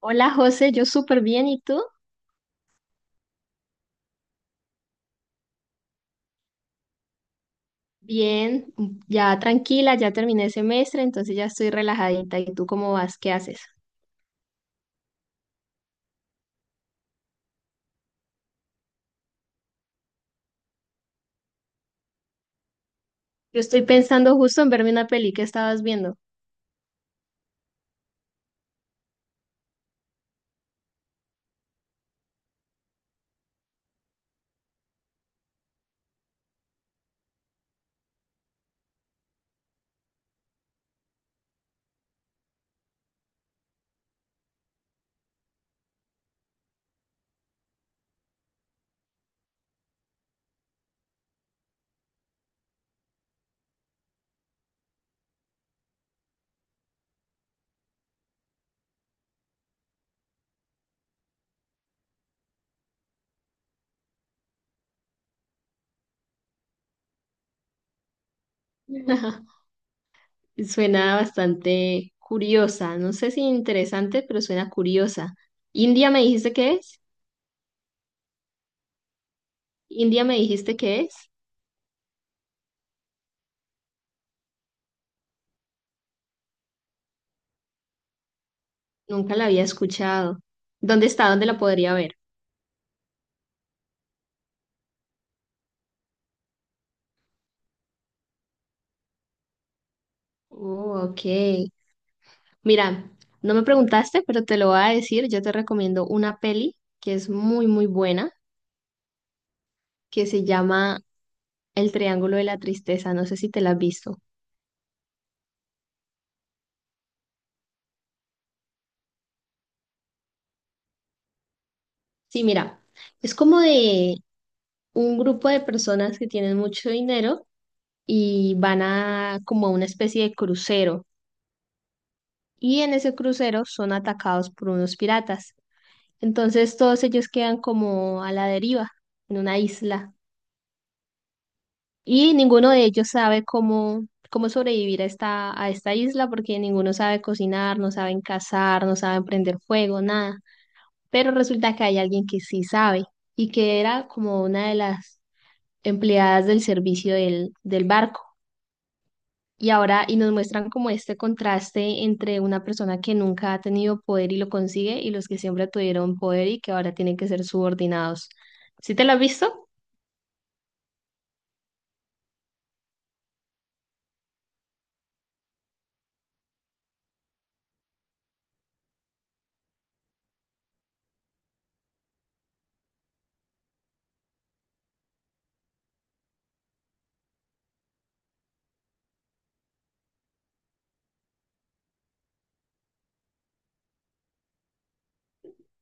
Hola José, yo súper bien, ¿y tú? Bien, ya tranquila, ya terminé el semestre, entonces ya estoy relajadita. ¿Y tú cómo vas? ¿Qué haces? Yo estoy pensando justo en verme una peli que estabas viendo. Suena bastante curiosa, no sé si interesante, pero suena curiosa. ¿India me dijiste que es? ¿India me dijiste que es? Nunca la había escuchado. ¿Dónde está? ¿Dónde la podría ver? Oh, ok. Mira, no me preguntaste, pero te lo voy a decir. Yo te recomiendo una peli que es muy, muy buena, que se llama El Triángulo de la Tristeza. No sé si te la has visto. Sí, mira, es como de un grupo de personas que tienen mucho dinero y van a como a una especie de crucero. Y en ese crucero son atacados por unos piratas. Entonces todos ellos quedan como a la deriva, en una isla. Y ninguno de ellos sabe cómo sobrevivir a esta isla porque ninguno sabe cocinar, no saben cazar, no saben prender fuego, nada. Pero resulta que hay alguien que sí sabe y que era como una de las empleadas del servicio del barco. Y ahora, y nos muestran como este contraste entre una persona que nunca ha tenido poder y lo consigue y los que siempre tuvieron poder y que ahora tienen que ser subordinados. ¿Sí te lo has visto?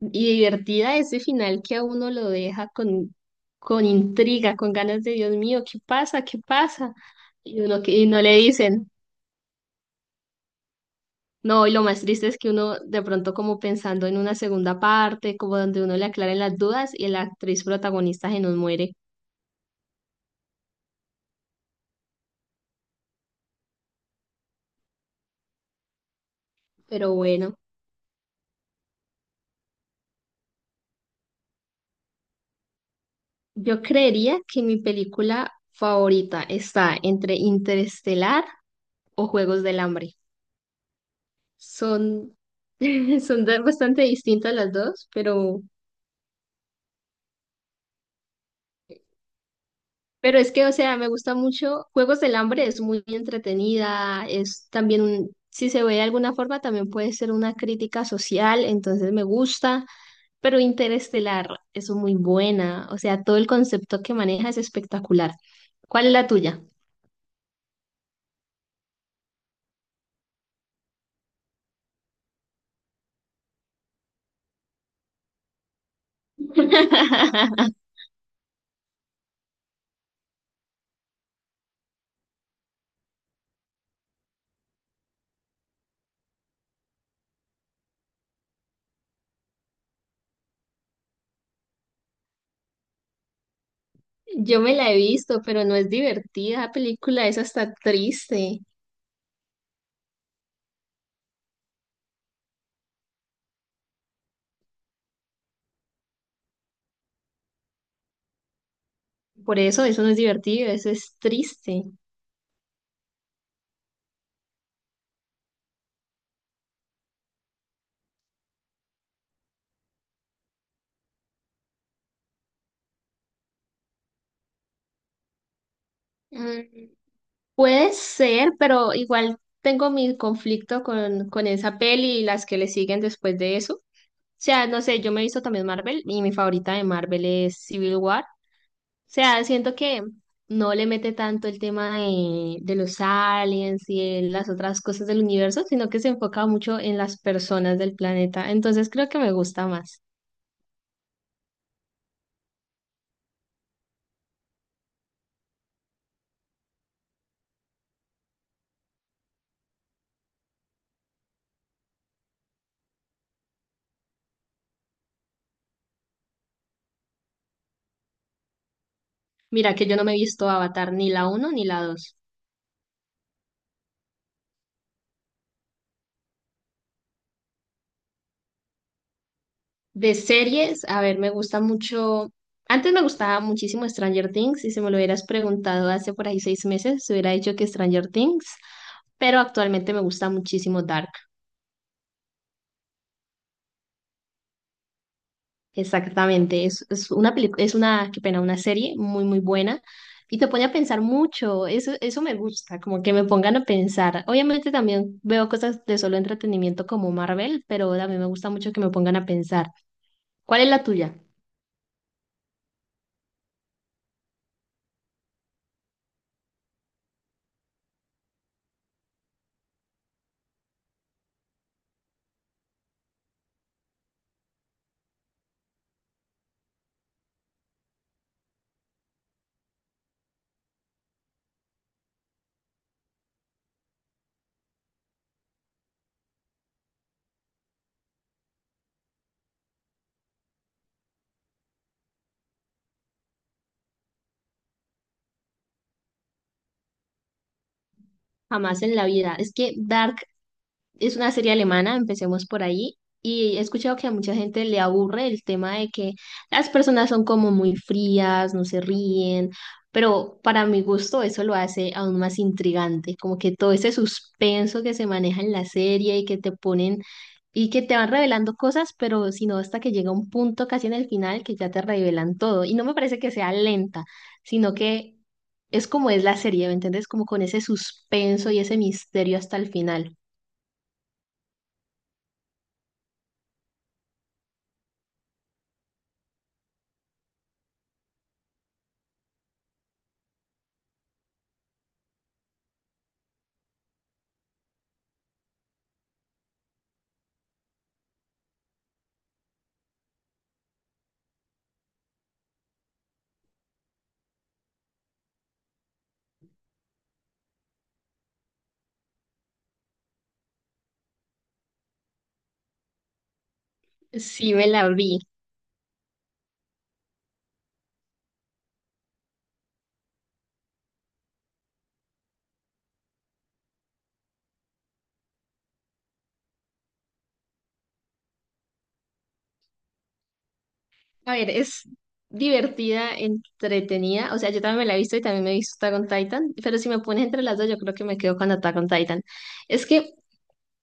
Y divertida ese final que a uno lo deja con intriga, con ganas de Dios mío, ¿qué pasa? ¿Qué pasa? Y uno que, y no le dicen. No, y lo más triste es que uno de pronto como pensando en una segunda parte, como donde uno le aclara las dudas y la actriz protagonista se nos muere. Pero bueno, yo creería que mi película favorita está entre Interestelar o Juegos del Hambre. Son, bastante distintas las dos, pero es que, o sea, me gusta mucho. Juegos del Hambre es muy entretenida, si se ve de alguna forma, también puede ser una crítica social, entonces me gusta. Pero Interestelar es muy buena, o sea, todo el concepto que maneja es espectacular. ¿Cuál es la tuya? Yo me la he visto, pero no es divertida. La película es hasta triste. Por eso, eso no es divertido, eso es triste. Mm. Puede ser, pero igual tengo mi conflicto con esa peli y las que le siguen después de eso. O sea, no sé, yo me he visto también Marvel y mi favorita de Marvel es Civil War. O sea, siento que no le mete tanto el tema de los aliens y de las otras cosas del universo, sino que se enfoca mucho en las personas del planeta. Entonces creo que me gusta más. Mira que yo no me he visto Avatar ni la uno ni la 2. De series, a ver, me gusta mucho. Antes me gustaba muchísimo Stranger Things, y si me lo hubieras preguntado hace por ahí 6 meses, se hubiera dicho que Stranger Things, pero actualmente me gusta muchísimo Dark. Exactamente, es una película, es una, qué pena, una serie muy, muy buena y te pone a pensar mucho. Eso me gusta, como que me pongan a pensar. Obviamente también veo cosas de solo entretenimiento como Marvel, pero también me gusta mucho que me pongan a pensar. ¿Cuál es la tuya? Jamás en la vida. Es que Dark es una serie alemana, empecemos por ahí. Y he escuchado que a mucha gente le aburre el tema de que las personas son como muy frías, no se ríen, pero para mi gusto eso lo hace aún más intrigante, como que todo ese suspenso que se maneja en la serie y que te ponen y que te van revelando cosas, pero sino hasta que llega un punto casi en el final que ya te revelan todo. Y no me parece que sea lenta, sino que es como es la serie, ¿me entiendes? Como con ese suspenso y ese misterio hasta el final. Sí, me la vi. A ver, es divertida, entretenida. O sea, yo también me la he visto y también me he visto Attack on Titan. Pero si me pones entre las dos, yo creo que me quedo con Attack on Titan. Es que,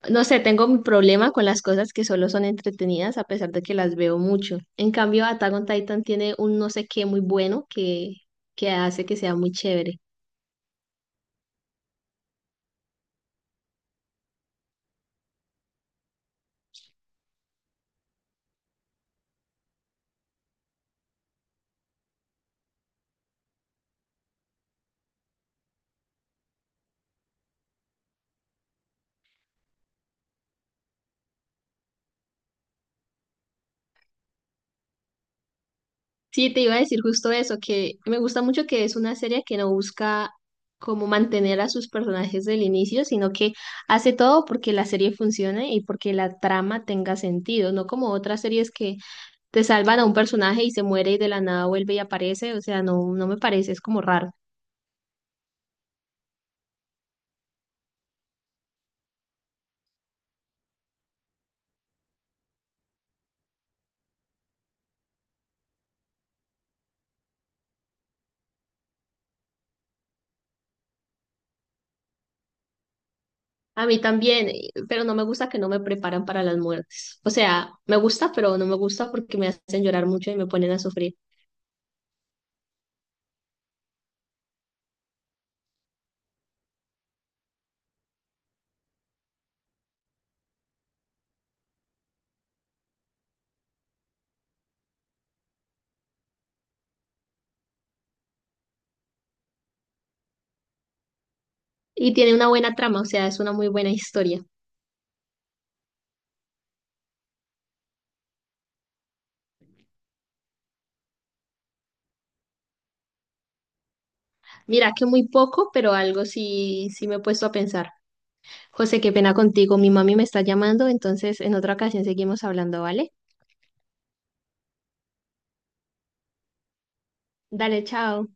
no sé, tengo mi problema con las cosas que solo son entretenidas a pesar de que las veo mucho. En cambio, Attack on Titan tiene un no sé qué muy bueno que hace que sea muy chévere. Sí, te iba a decir justo eso, que me gusta mucho que es una serie que no busca como mantener a sus personajes del inicio, sino que hace todo porque la serie funcione y porque la trama tenga sentido, no como otras series que te salvan a un personaje y se muere y de la nada vuelve y aparece, o sea, no, no me parece, es como raro. A mí también, pero no me gusta que no me preparan para las muertes. O sea, me gusta, pero no me gusta porque me hacen llorar mucho y me ponen a sufrir. Y tiene una buena trama, o sea, es una muy buena historia. Mira que muy poco, pero algo sí, sí me he puesto a pensar. José, qué pena contigo, mi mami me está llamando, entonces en otra ocasión seguimos hablando, ¿vale? Dale, chao.